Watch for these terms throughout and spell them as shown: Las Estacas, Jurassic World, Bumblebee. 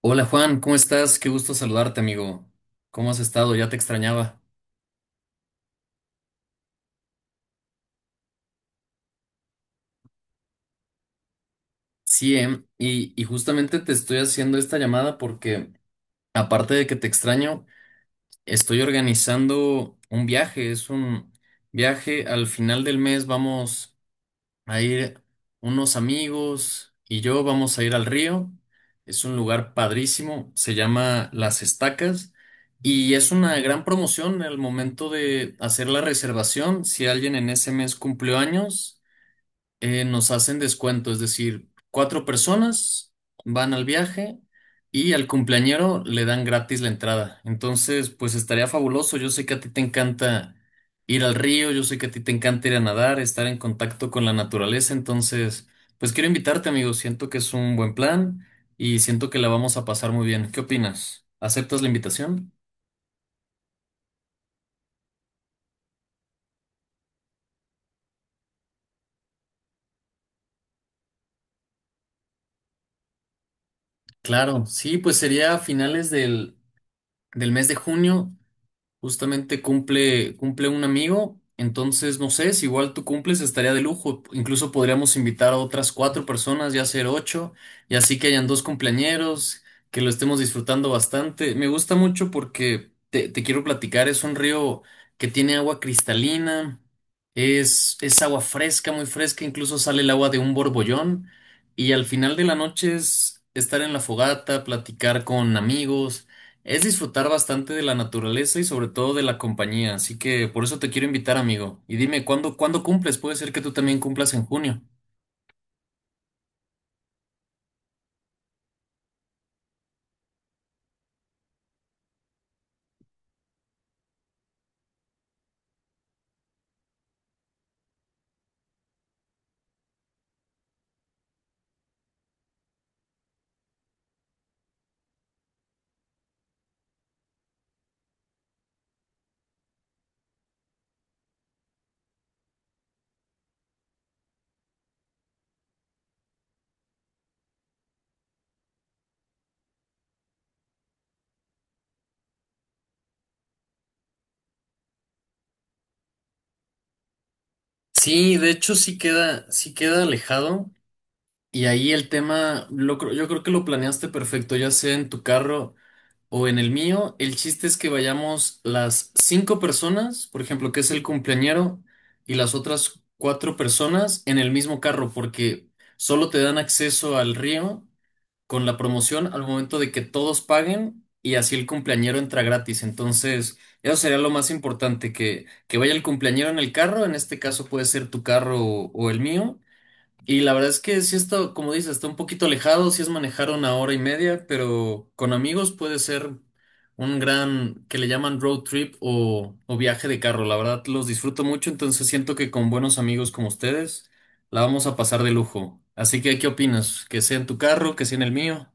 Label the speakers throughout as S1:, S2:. S1: Hola Juan, ¿cómo estás? Qué gusto saludarte, amigo. ¿Cómo has estado? Ya te extrañaba. Sí, y justamente te estoy haciendo esta llamada porque, aparte de que te extraño, estoy organizando un viaje. Es un viaje al final del mes. Vamos. A ir Unos amigos y yo vamos a ir al río. Es un lugar padrísimo, se llama Las Estacas y es una gran promoción al momento de hacer la reservación. Si alguien en ese mes cumplió años, nos hacen descuento, es decir, cuatro personas van al viaje y al cumpleañero le dan gratis la entrada. Entonces, pues estaría fabuloso. Yo sé que a ti te encanta ir al río, yo sé que a ti te encanta ir a nadar, estar en contacto con la naturaleza. Entonces, pues quiero invitarte, amigo. Siento que es un buen plan y siento que la vamos a pasar muy bien. ¿Qué opinas? ¿Aceptas la invitación? Claro, sí, pues sería a finales del mes de junio. Justamente cumple un amigo, entonces no sé, si igual tú cumples estaría de lujo. Incluso podríamos invitar a otras cuatro personas, ya ser ocho, y así que hayan dos cumpleañeros, que lo estemos disfrutando bastante. Me gusta mucho porque te quiero platicar, es un río que tiene agua cristalina, es agua fresca, muy fresca, incluso sale el agua de un borbollón, y al final de la noche es estar en la fogata, platicar con amigos. Es disfrutar bastante de la naturaleza y sobre todo de la compañía, así que por eso te quiero invitar, amigo. Y dime, ¿cuándo cumples? Puede ser que tú también cumplas en junio. Sí, de hecho sí queda alejado y ahí el tema, yo creo que lo planeaste perfecto, ya sea en tu carro o en el mío. El chiste es que vayamos las cinco personas, por ejemplo, que es el cumpleañero, y las otras cuatro personas en el mismo carro, porque solo te dan acceso al río con la promoción al momento de que todos paguen y así el cumpleañero entra gratis. Entonces, eso sería lo más importante, que vaya el cumpleañero en el carro, en este caso puede ser tu carro o el mío. Y la verdad es que si esto, como dices, está un poquito alejado, si es manejar una hora y media, pero con amigos puede ser un gran, que le llaman road trip o viaje de carro. La verdad los disfruto mucho, entonces siento que con buenos amigos como ustedes la vamos a pasar de lujo. Así que, ¿qué opinas? ¿Que sea en tu carro, que sea en el mío?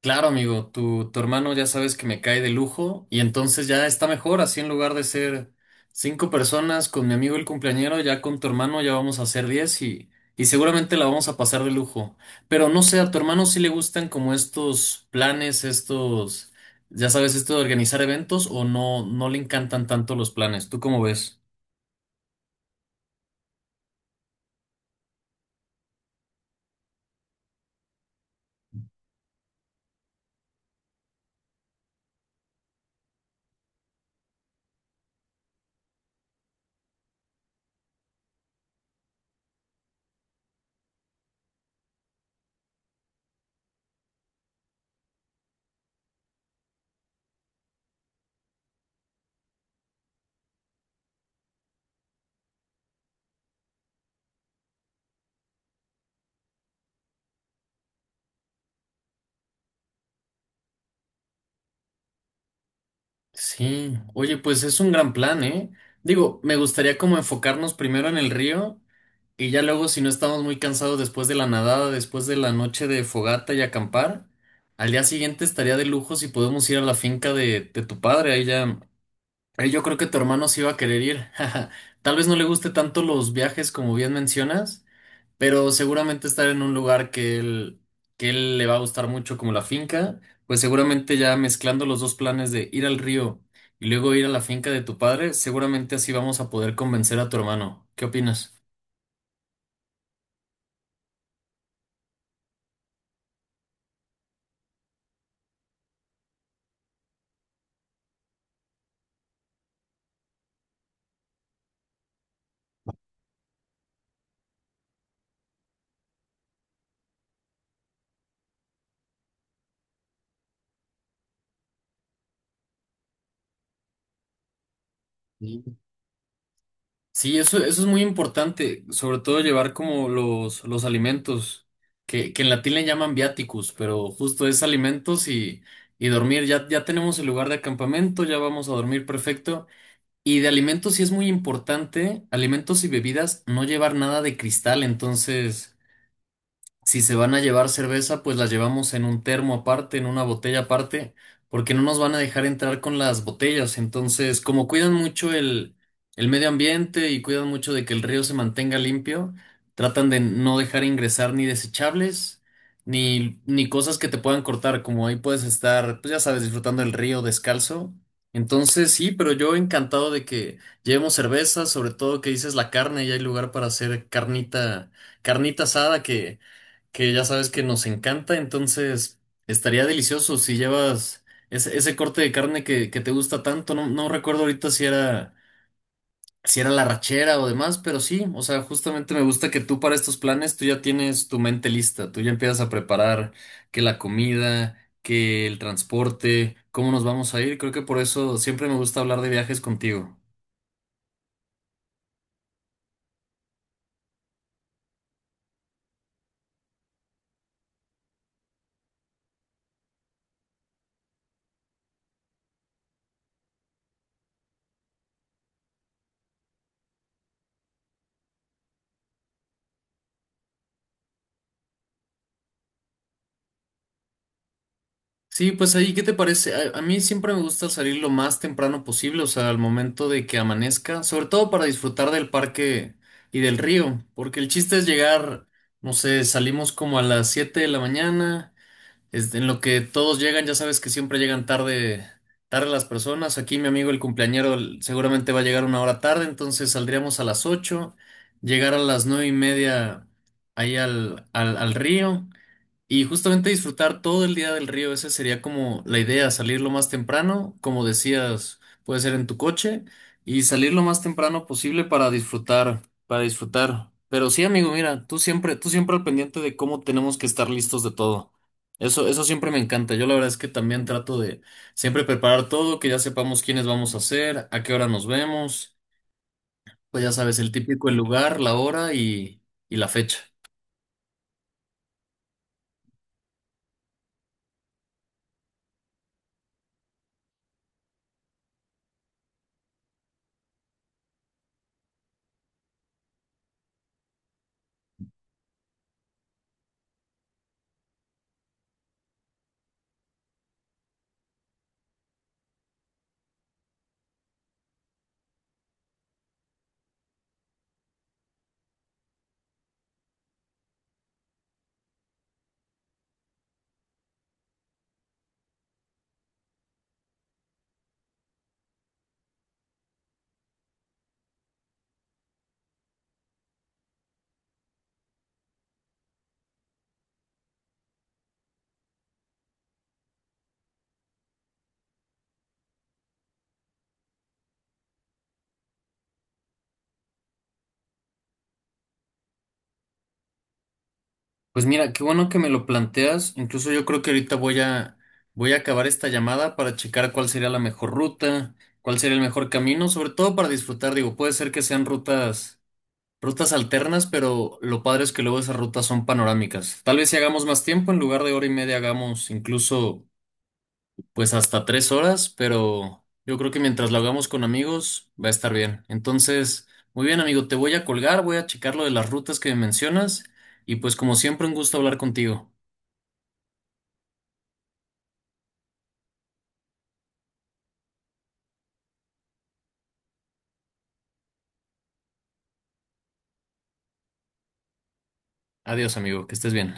S1: Claro, amigo, tu hermano ya sabes que me cae de lujo y entonces ya está mejor, así en lugar de ser cinco personas con mi amigo el cumpleañero, ya con tu hermano ya vamos a ser diez y seguramente la vamos a pasar de lujo. Pero no sé, a tu hermano sí le gustan como estos planes, estos, ya sabes, esto de organizar eventos o no, no le encantan tanto los planes, ¿tú cómo ves? Sí, oye, pues es un gran plan, ¿eh? Digo, me gustaría como enfocarnos primero en el río. Y ya luego, si no estamos muy cansados después de la nadada, después de la noche de fogata y acampar, al día siguiente estaría de lujo si podemos ir a la finca de tu padre. Ahí ya, ahí yo creo que tu hermano sí va a querer ir. Tal vez no le guste tanto los viajes como bien mencionas, pero seguramente estar en un lugar que él le va a gustar mucho como la finca, pues seguramente ya mezclando los dos planes de ir al río y luego ir a la finca de tu padre, seguramente así vamos a poder convencer a tu hermano. ¿Qué opinas? Sí, eso es muy importante, sobre todo llevar como los alimentos, que en latín le llaman viaticus, pero justo es alimentos y dormir. Ya tenemos el lugar de acampamento, ya vamos a dormir perfecto. Y de alimentos sí es muy importante, alimentos y bebidas, no llevar nada de cristal. Si se van a llevar cerveza, pues la llevamos en un termo aparte, en una botella aparte, porque no nos van a dejar entrar con las botellas. Entonces, como cuidan mucho el medio ambiente y cuidan mucho de que el río se mantenga limpio, tratan de no dejar ingresar ni desechables, ni cosas que te puedan cortar, como ahí puedes estar, pues ya sabes, disfrutando del río descalzo. Entonces, sí, pero yo encantado de que llevemos cerveza, sobre todo que dices la carne y hay lugar para hacer carnita asada que ya sabes que nos encanta, entonces estaría delicioso si llevas ese corte de carne que te gusta tanto. No, no recuerdo ahorita si era, la rachera o demás, pero sí, o sea, justamente me gusta que tú para estos planes tú ya tienes tu mente lista, tú ya empiezas a preparar que la comida, que el transporte, cómo nos vamos a ir. Creo que por eso siempre me gusta hablar de viajes contigo. Sí, pues ahí, ¿qué te parece? A mí siempre me gusta salir lo más temprano posible, o sea, al momento de que amanezca, sobre todo para disfrutar del parque y del río, porque el chiste es llegar, no sé, salimos como a las 7 de la mañana, en lo que todos llegan, ya sabes que siempre llegan tarde, tarde las personas, aquí mi amigo el cumpleañero seguramente va a llegar una hora tarde, entonces saldríamos a las 8, llegar a las 9:30 ahí al río. Y justamente disfrutar todo el día del río, esa sería como la idea, salir lo más temprano, como decías, puede ser en tu coche, y salir lo más temprano posible para disfrutar, para disfrutar. Pero sí, amigo, mira, tú siempre al pendiente de cómo tenemos que estar listos de todo. Eso siempre me encanta. Yo la verdad es que también trato de siempre preparar todo, que ya sepamos quiénes vamos a ser, a qué hora nos vemos, pues ya sabes, el típico, el lugar, la hora y la fecha. Pues mira, qué bueno que me lo planteas. Incluso yo creo que ahorita voy a acabar esta llamada para checar cuál sería la mejor ruta, cuál sería el mejor camino, sobre todo para disfrutar. Digo, puede ser que sean rutas alternas, pero lo padre es que luego esas rutas son panorámicas. Tal vez si hagamos más tiempo, en lugar de hora y media hagamos incluso pues hasta 3 horas, pero yo creo que mientras lo hagamos con amigos va a estar bien. Entonces, muy bien, amigo, te voy a colgar, voy a checar lo de las rutas que me mencionas y pues como siempre un gusto hablar contigo. Adiós, amigo, que estés bien.